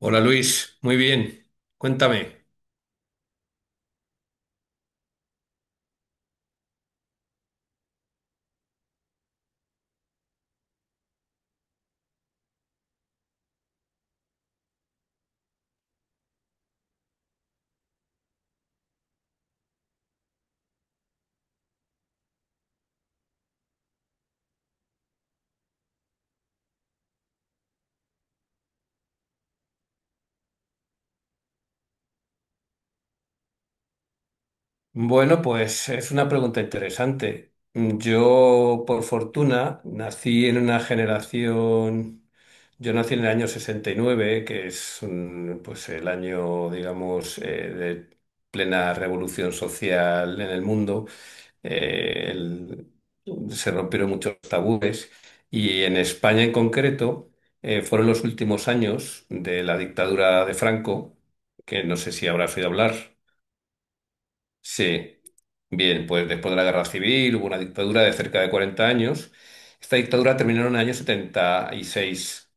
Hola Luis, muy bien. Cuéntame. Bueno, pues es una pregunta interesante. Yo, por fortuna, nací en una generación, yo nací en el año 69, que es pues el año, digamos, de plena revolución social en el mundo. eh, el- se rompieron muchos tabúes, y en España en concreto, fueron los últimos años de la dictadura de Franco, que no sé si habrás oído hablar. Sí, bien, pues después de la guerra civil hubo una dictadura de cerca de 40 años. Esta dictadura terminó en el año 76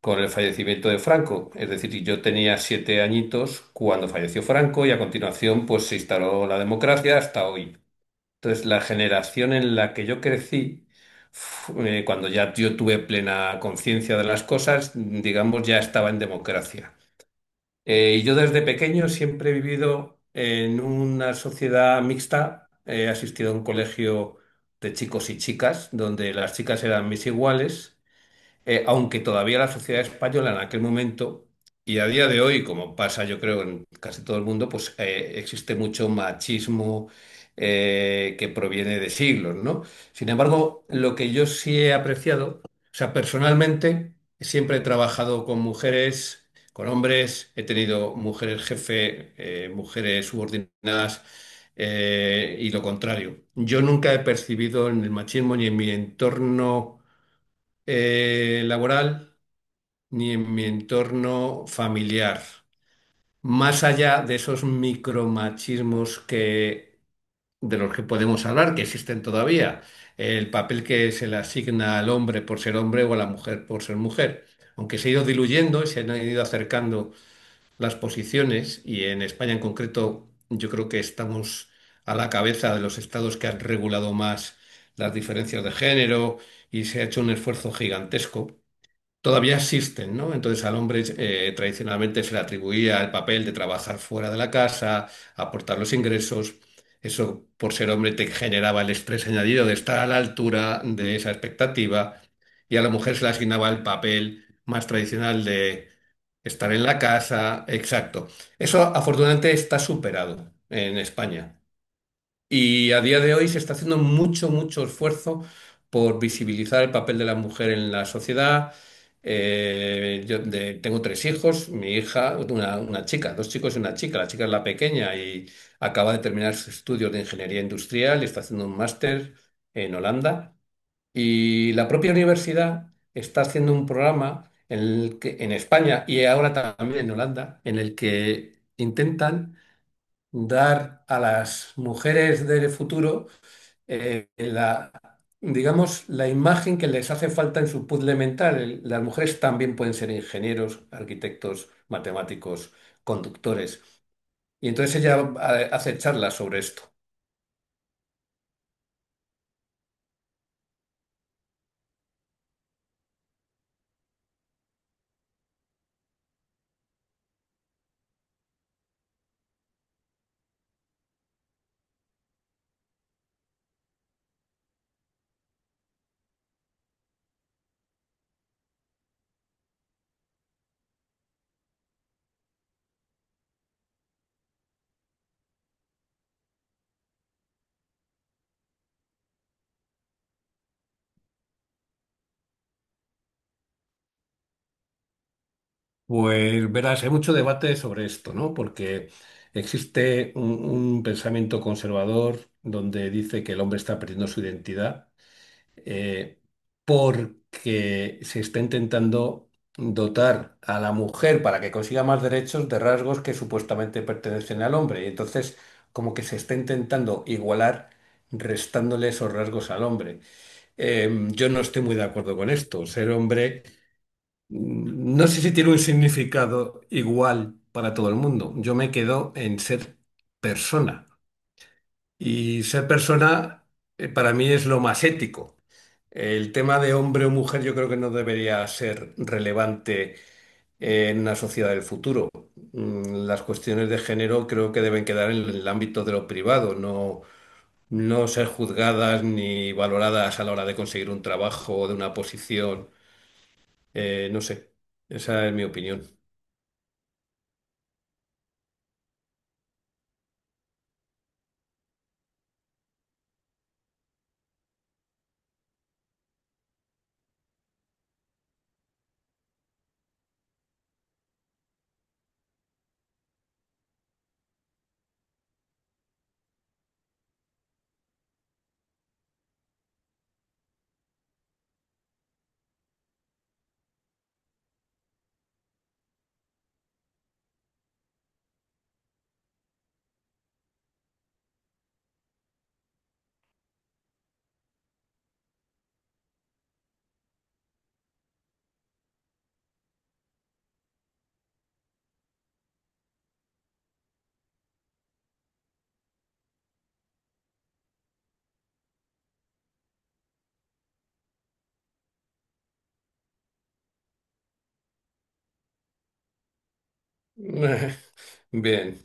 con el fallecimiento de Franco. Es decir, yo tenía 7 añitos cuando falleció Franco, y a continuación pues se instaló la democracia hasta hoy. Entonces, la generación en la que yo crecí, cuando ya yo tuve plena conciencia de las cosas, digamos, ya estaba en democracia. Y yo desde pequeño siempre he vivido en una sociedad mixta. He asistido a un colegio de chicos y chicas, donde las chicas eran mis iguales, aunque todavía la sociedad española en aquel momento, y a día de hoy, como pasa yo creo en casi todo el mundo, pues existe mucho machismo que proviene de siglos, ¿no? Sin embargo, lo que yo sí he apreciado, o sea, personalmente siempre he trabajado con mujeres, con hombres, he tenido mujeres jefe, mujeres subordinadas. Y lo contrario. Yo nunca he percibido en el machismo ni en mi entorno laboral, ni en mi entorno familiar. Más allá de esos micromachismos de los que podemos hablar, que existen todavía, el papel que se le asigna al hombre por ser hombre o a la mujer por ser mujer. Aunque se ha ido diluyendo y se han ido acercando las posiciones, y en España en concreto, yo creo que estamos a la cabeza de los estados que han regulado más las diferencias de género y se ha hecho un esfuerzo gigantesco, todavía existen, ¿no? Entonces al hombre, tradicionalmente se le atribuía el papel de trabajar fuera de la casa, aportar los ingresos. Eso, por ser hombre, te generaba el estrés añadido de estar a la altura de esa expectativa. Y a la mujer se le asignaba el papel más tradicional de estar en la casa. Exacto. Eso afortunadamente está superado en España. Y a día de hoy se está haciendo mucho, mucho esfuerzo por visibilizar el papel de la mujer en la sociedad. Yo tengo tres hijos, mi hija, una chica, dos chicos y una chica. La chica es la pequeña y acaba de terminar sus estudios de ingeniería industrial, y está haciendo un máster en Holanda. Y la propia universidad está haciendo un programa en España y ahora también en Holanda, en el que intentan dar a las mujeres del futuro eh, la, digamos, la imagen que les hace falta en su puzzle mental. Las mujeres también pueden ser ingenieros, arquitectos, matemáticos, conductores. Y entonces ella hace charlas sobre esto. Pues verás, hay mucho debate sobre esto, ¿no? Porque existe un pensamiento conservador donde dice que el hombre está perdiendo su identidad, eh, porque se está intentando dotar a la mujer para que consiga más derechos de rasgos que supuestamente pertenecen al hombre. Y entonces, como que se está intentando igualar restándole esos rasgos al hombre. Yo no estoy muy de acuerdo con esto. Ser hombre, no sé si tiene un significado igual para todo el mundo. Yo me quedo en ser persona. Y ser persona, para mí es lo más ético. El tema de hombre o mujer yo creo que no debería ser relevante en una sociedad del futuro. Las cuestiones de género creo que deben quedar en el ámbito de lo privado, no, no ser juzgadas ni valoradas a la hora de conseguir un trabajo o de una posición. No sé, esa es mi opinión. Bien,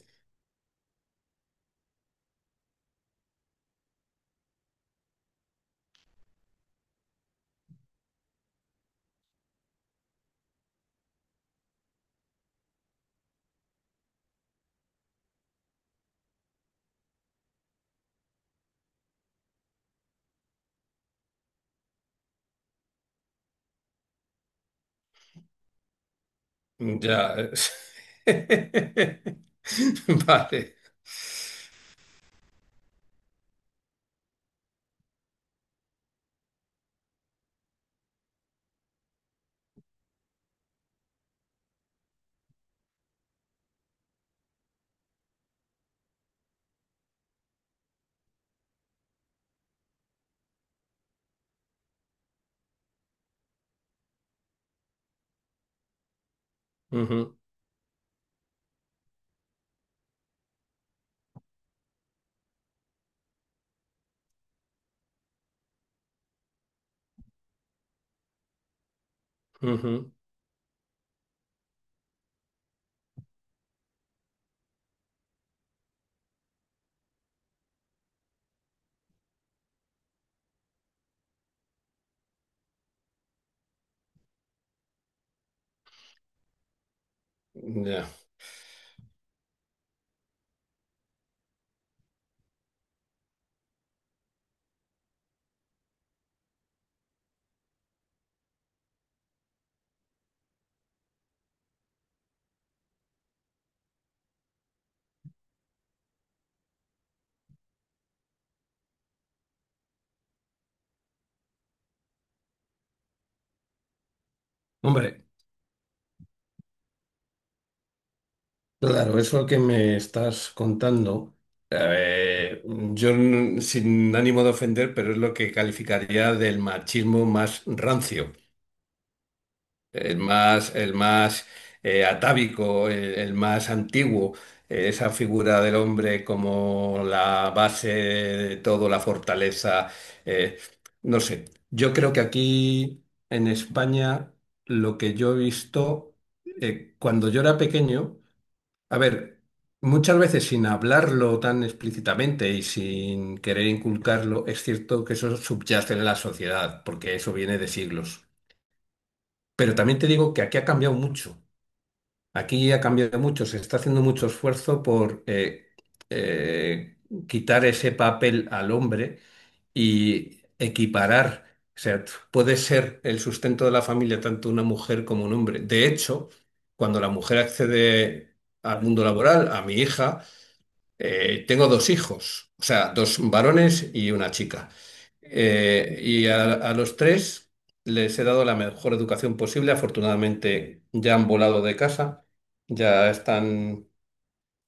ya. Vale. Ujú, ujú. Ya. Hombre. Claro, eso que me estás contando, eh, sin ánimo de ofender, pero es lo que calificaría del machismo más rancio, el más atávico, el más antiguo, esa figura del hombre como la base de todo, la fortaleza, eh, no sé. Yo creo que aquí en España, lo que yo he visto cuando yo era pequeño, a ver, muchas veces sin hablarlo tan explícitamente y sin querer inculcarlo, es cierto que eso subyace en la sociedad, porque eso viene de siglos. Pero también te digo que aquí ha cambiado mucho. Aquí ha cambiado mucho, se está haciendo mucho esfuerzo por eh, quitar ese papel al hombre y equiparar. O sea, puede ser el sustento de la familia tanto una mujer como un hombre. De hecho, cuando la mujer accede al mundo laboral, a mi hija, tengo dos hijos, o sea, dos varones y una chica. Y a los tres les he dado la mejor educación posible. Afortunadamente ya han volado de casa, ya están,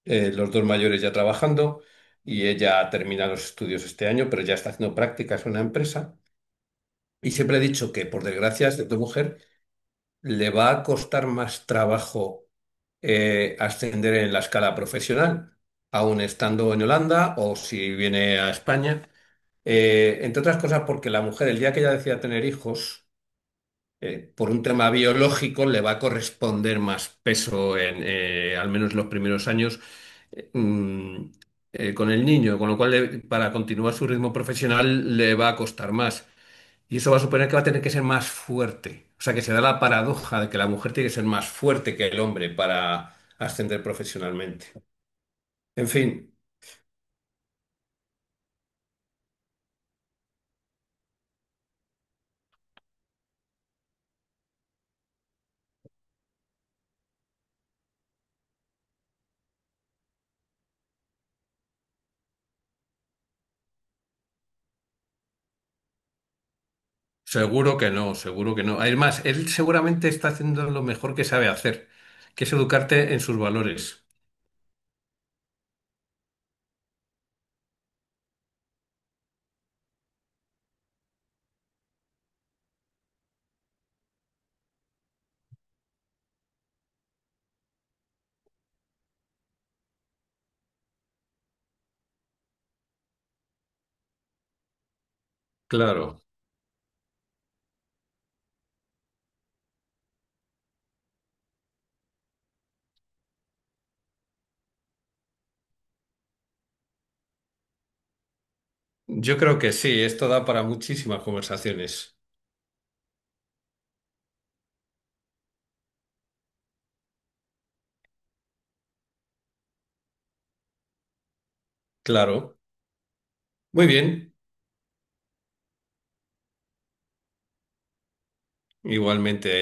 los dos mayores ya trabajando, y ella termina los estudios este año, pero ya está haciendo prácticas en una empresa. Y siempre he dicho que, por desgracia, excepto mujer, le va a costar más trabajo ascender en la escala profesional, aun estando en Holanda o si viene a España. Entre otras cosas, porque la mujer, el día que ella decida tener hijos, por un tema biológico, le va a corresponder más peso en, al menos los primeros años, eh, mm, con el niño, con lo cual, para continuar su ritmo profesional, le va a costar más. Y eso va a suponer que va a tener que ser más fuerte. O sea, que se da la paradoja de que la mujer tiene que ser más fuerte que el hombre para ascender profesionalmente. En fin, seguro que no, seguro que no. Además, él seguramente está haciendo lo mejor que sabe hacer, que es educarte en sus valores. Claro, yo creo que sí, esto da para muchísimas conversaciones. Claro. Muy bien, igualmente.